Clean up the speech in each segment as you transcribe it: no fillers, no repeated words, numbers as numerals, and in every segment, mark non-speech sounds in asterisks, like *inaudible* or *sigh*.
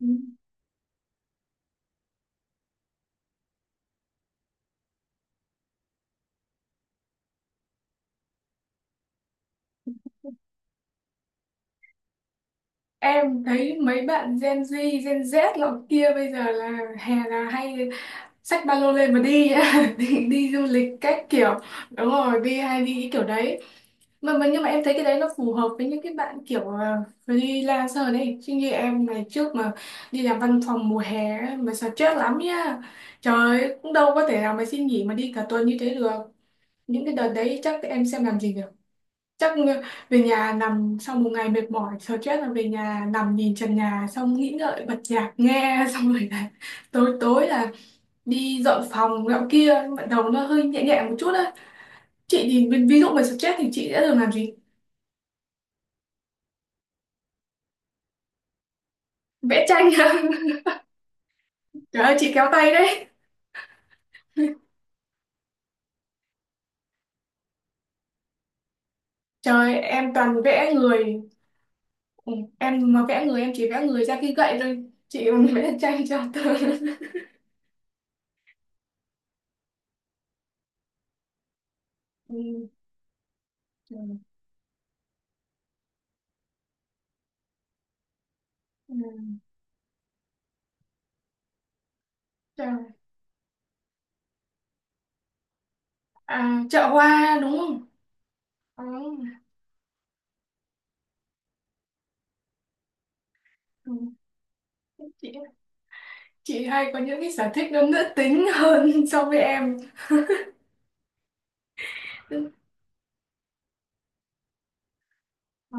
Ừ. Em thấy mấy bạn Gen Z lọ kia bây giờ là hè là hay xách ba lô lên mà đi á, *laughs* đi du lịch các kiểu đúng rồi đi hay đi cái kiểu đấy mà nhưng mà em thấy cái đấy nó phù hợp với những cái bạn kiểu freelancer đấy, chứ như em ngày trước mà đi làm văn phòng mùa hè ấy, mà stress lắm nha. Trời ơi, cũng đâu có thể nào mà xin nghỉ mà đi cả tuần như thế được, những cái đợt đấy chắc em xem làm gì được. Chắc về nhà nằm sau một ngày mệt mỏi stress, là về nhà nằm nhìn trần nhà, xong nghĩ ngợi bật nhạc nghe *laughs* xong rồi là tối tối là đi dọn phòng dọn kia bắt đầu nó hơi nhẹ nhẹ một chút á. Chị thì ví dụ mà stress thì chị sẽ thường làm gì? Vẽ tranh *laughs* trời ơi chị kéo tay đấy. Trời em toàn vẽ người. Ừ, em mà vẽ người em chỉ vẽ người ra khi gậy thôi, chị còn *laughs* vẽ tranh cho tớ *laughs* ừ. Ừ, ừ. Trời. À, chợ hoa đúng không? Ừ. Ừ. Chị chị hay có những cái sở thích nó nữ tính hơn *laughs* so với em. Ờ,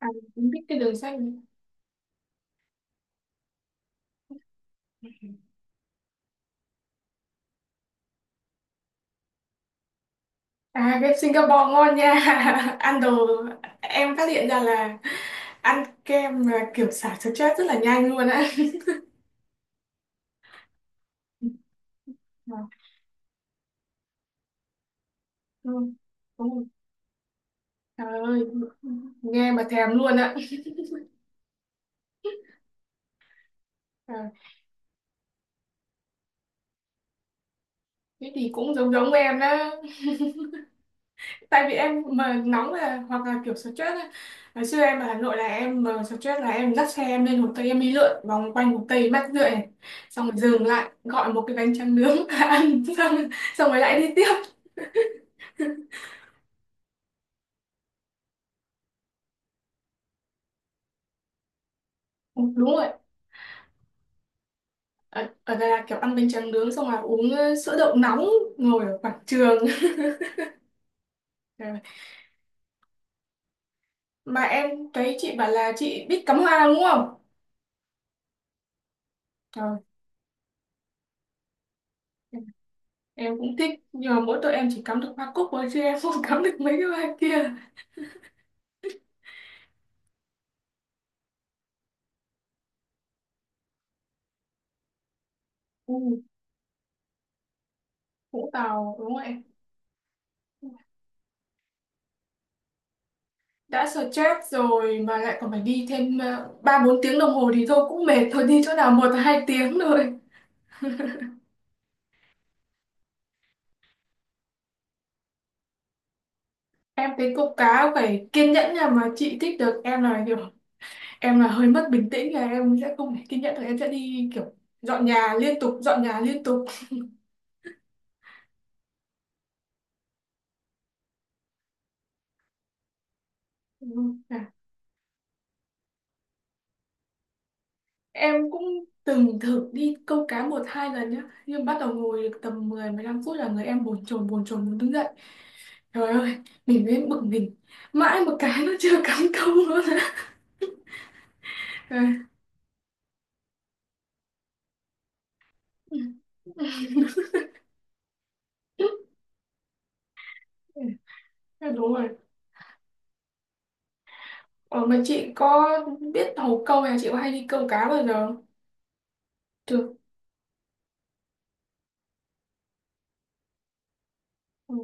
à, em biết cái đường xanh. À cái Singapore ngon nha. *laughs* Ăn đồ em phát hiện ra là ăn kem là kiểu xả stress rất là nhanh luôn á. Ờ, ừ, đúng rồi. Trời ơi, nghe mà thèm luôn á. Ờ, thế thì cũng giống giống em đó, tại vì em mà nóng là hoặc là kiểu stress ấy. Ngày xưa em ở Hà Nội là em mà stress là em dắt xe em lên Hồ Tây em đi lượn vòng quanh Hồ Tây mát rượi này, xong rồi dừng lại gọi một cái bánh tráng nướng *laughs* ăn xong xong rồi lại đi tiếp. Ừ, đúng rồi. Ở, ở đây là kiểu ăn bánh tráng nướng xong là uống sữa đậu nóng, ngồi ở quảng trường *laughs* trời ơi. Mà em thấy chị bảo là chị biết cắm hoa đúng không? Trời, em em cũng thích nhưng mà mỗi tội em chỉ cắm được hoa cúc thôi, chứ em không *laughs* cắm được mấy cái hoa kia. Ừ, Vũng Tàu đúng rồi. Đã stress rồi mà lại còn phải đi thêm ba bốn tiếng đồng hồ thì thôi cũng mệt, thôi đi chỗ nào một hai tiếng thôi. Em thấy câu cá phải kiên nhẫn nha, mà chị thích được, em là kiểu em là hơi mất bình tĩnh là em sẽ không thể kiên nhẫn được, em sẽ đi kiểu dọn nhà liên tục dọn nhà liên tục. Ừ. À, em cũng từng thử đi câu cá một hai lần nhá, nhưng bắt đầu ngồi được tầm 10 15 phút là người em bồn chồn muốn đứng dậy, trời ơi mình mới bực mình, mãi một cái nó chưa cắm câu luôn. *laughs* Ừ. Ừ, đúng rồi. Ờ, mà chị có biết hầu câu hay là chị có hay đi câu cá bao giờ không? Chưa. Ừ.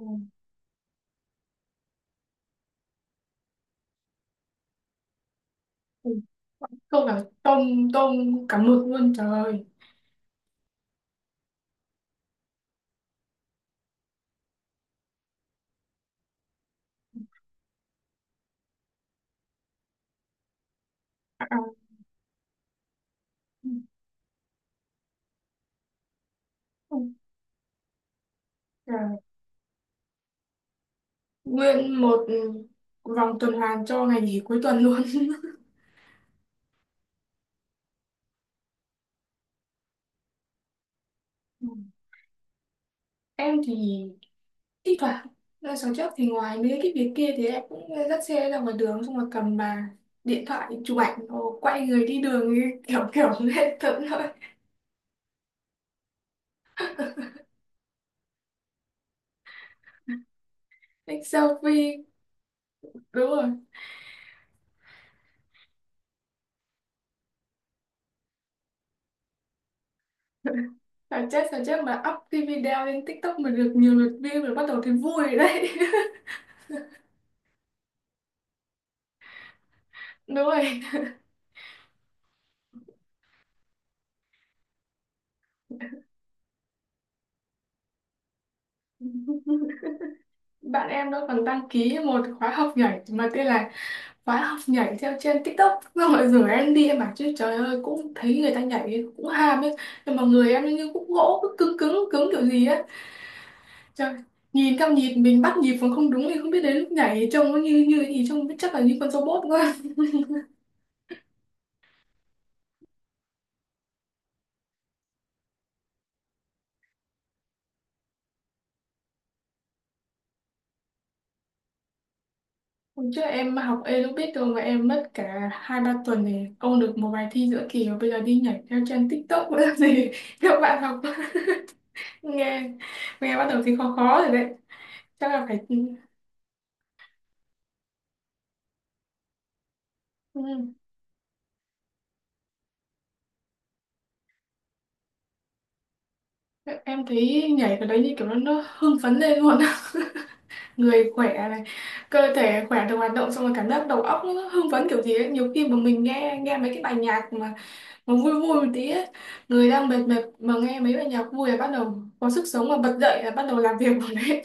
Ừ. Câu cả tôm, tôm, cả mực luôn trời. À, ừ, ừ. Trời. Nguyên một ừ, vòng tuần hoàn cho ngày nghỉ cuối tuần luôn. *laughs* Ừ. Em thì thi thoảng là sáng trước thì ngoài mấy cái việc kia thì em cũng dắt xe ra ngoài đường, xong rồi cầm bà điện thoại chụp ảnh rồi quay người đi đường như kiểu kiểu *laughs* lên tận nơi take selfie đúng rồi. Sao chết mà up cái video lên TikTok mà được nhiều lượt view rồi bắt đầu thấy vui rồi đấy. *laughs* Đúng rồi. *laughs* Bạn em nó còn đăng ký một khóa học nhảy mà tên là khóa học nhảy theo trên TikTok. Xong rồi rủ em đi, em bảo chứ trời ơi cũng thấy người ta nhảy cũng ham ấy. Nhưng mà người em như cũng gỗ, cứ cứng cứng cứng kiểu gì á. Trời, nhìn theo nhịp mình bắt nhịp còn không đúng thì không biết đến lúc nhảy trông nó như như cái gì, trông biết chắc là như con robot quá. Hôm trước em học aerobic rồi mà em mất cả hai ba tuần để ôn được một bài thi giữa kỳ, và bây giờ đi nhảy theo trend TikTok nữa làm gì *laughs* các bạn học *laughs* nghe nghe bắt đầu thấy khó khó rồi đấy, chắc là phải ừ. Em thấy nhảy cái đấy như kiểu nó hưng phấn lên luôn. *laughs* Người khỏe này, cơ thể khỏe được hoạt động xong rồi cảm giác đầu óc nó hưng phấn kiểu gì ấy, nhiều khi mà mình nghe nghe mấy cái bài nhạc mà vui vui một tí ấy, người đang mệt mệt mà nghe mấy bài nhạc vui là bắt đầu có sức sống mà bật dậy là bắt đầu làm việc rồi đấy.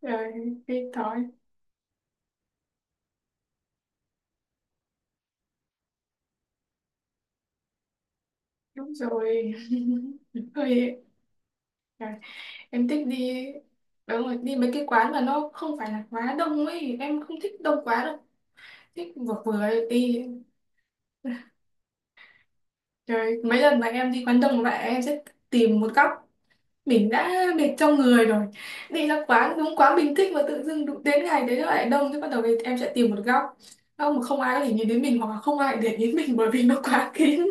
Rồi đi thôi. Đúng rồi. *laughs* Hơi rồi. Em thích đi đúng rồi, đi mấy cái quán mà nó không phải là quá đông ấy, em không thích đông quá đâu, thích vừa vừa ấy đi. Rồi mấy lần mà em đi quán đông lại em sẽ tìm một góc, mình đã mệt trong người rồi, đi ra quán đúng quán mình thích mà tự dưng đụng đến ngày đấy nó lại đông thế, bắt đầu thì em sẽ tìm một góc không, mà không ai có thể nhìn đến mình hoặc là không ai để ý đến mình, bởi vì nó quá kín.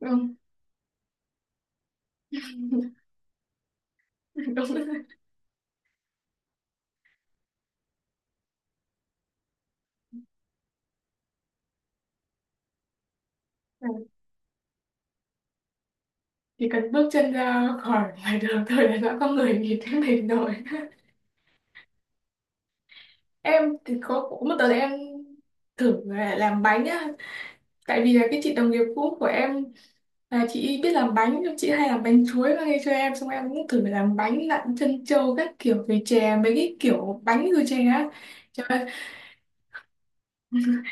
*laughs* Đúng, đúng. Chỉ cần bước chân ra khỏi ngoài đường thôi là đã có người nhìn thấy mình rồi. Em thì có một đợt em thử là làm bánh á. Tại vì là cái chị đồng nghiệp cũ của em là chị biết làm bánh, nhưng chị hay làm bánh chuối mang đi cho em. Xong em cũng thử làm bánh lặn chân trâu các kiểu về chè, mấy cái kiểu bánh rồi chè á. Trời ơi, *laughs*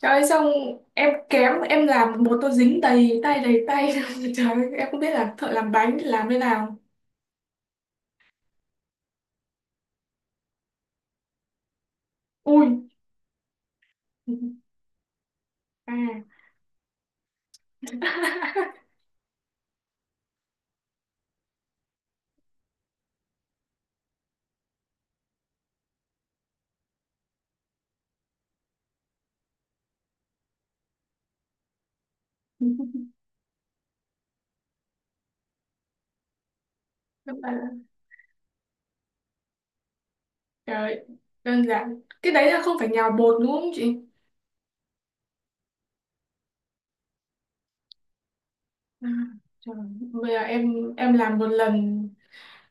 trời ơi, xong em kém, em làm một tô dính đầy tay đầy tay. *laughs* Trời ơi, em không biết là thợ làm bánh làm thế nào. Ui, à. *laughs* Các bạn, trời, đơn giản. Cái đấy là không phải nhào bột đúng không chị? À, trời, bây giờ em làm một lần,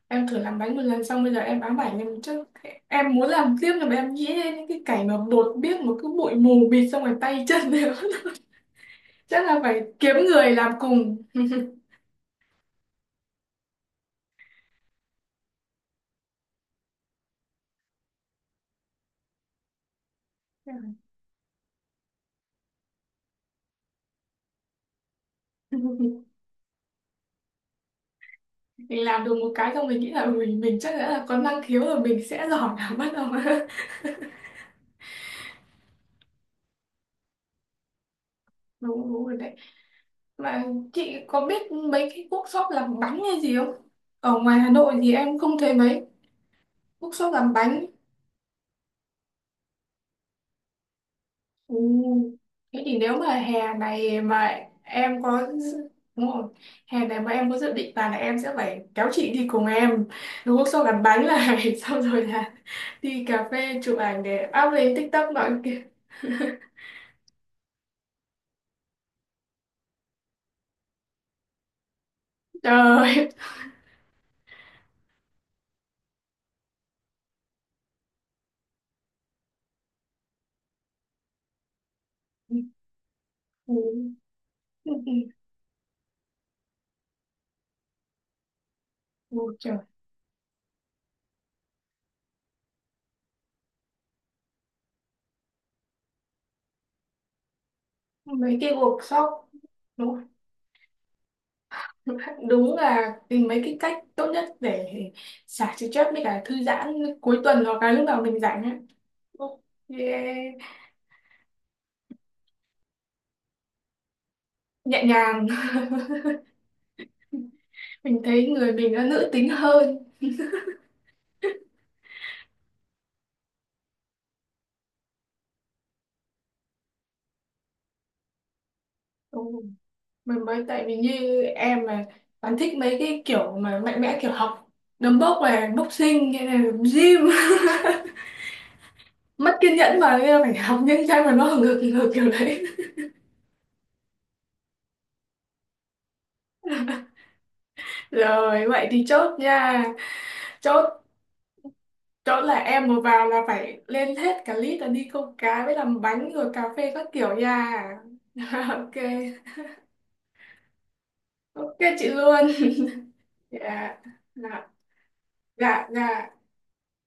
em thử làm bánh một lần xong bây giờ em ám ảnh em chứ, em muốn làm tiếp là em nghĩ đến những cái cảnh mà bột biết một cái bụi mù bịt xong rồi tay chân đều. *laughs* Chắc là phải kiếm người làm cùng. *laughs* Mình làm được một cái xong mình nghĩ là mình chắc đã là có năng khiếu rồi, mình sẽ giỏi làm bắt đầu *laughs* đúng đúng rồi đấy. Mà chị có biết mấy cái workshop làm bánh hay gì không? Ở ngoài Hà Nội thì em không thấy mấy workshop làm bánh. Ừ. Thế thì nếu mà hè này mà em có dự- đúng rồi. Hè này mà em có dự định là em sẽ phải kéo chị đi cùng em đúng workshop làm bánh này *laughs* xong rồi là đi cà phê chụp ảnh để up lên TikTok nói kìa trời. Ừ. *laughs* Ừ. Ừ. Trời. Mấy cái workshop đúng *laughs* đúng là tìm mấy cái cách tốt nhất để xả stress với cả thư giãn cuối tuần hoặc là lúc nào mình rảnh á. Ok, nhẹ nhàng *laughs* mình thấy người mình nó nữ tính hơn ừ. Mình mới tại vì như em mà bạn thích mấy cái kiểu mà mạnh mẽ kiểu học đấm bốc này, boxing hay là gym *laughs* mất kiên nhẫn mà, nên là phải học những cái mà nó hừng hực kiểu đấy. *laughs* Rồi vậy thì chốt nha, chốt chỗ là em vừa vào là phải lên hết cả list là đi câu cá với làm bánh rồi cà phê các kiểu nha. *laughs* Ok, ok chị luôn, dạ dạ dạ dạ.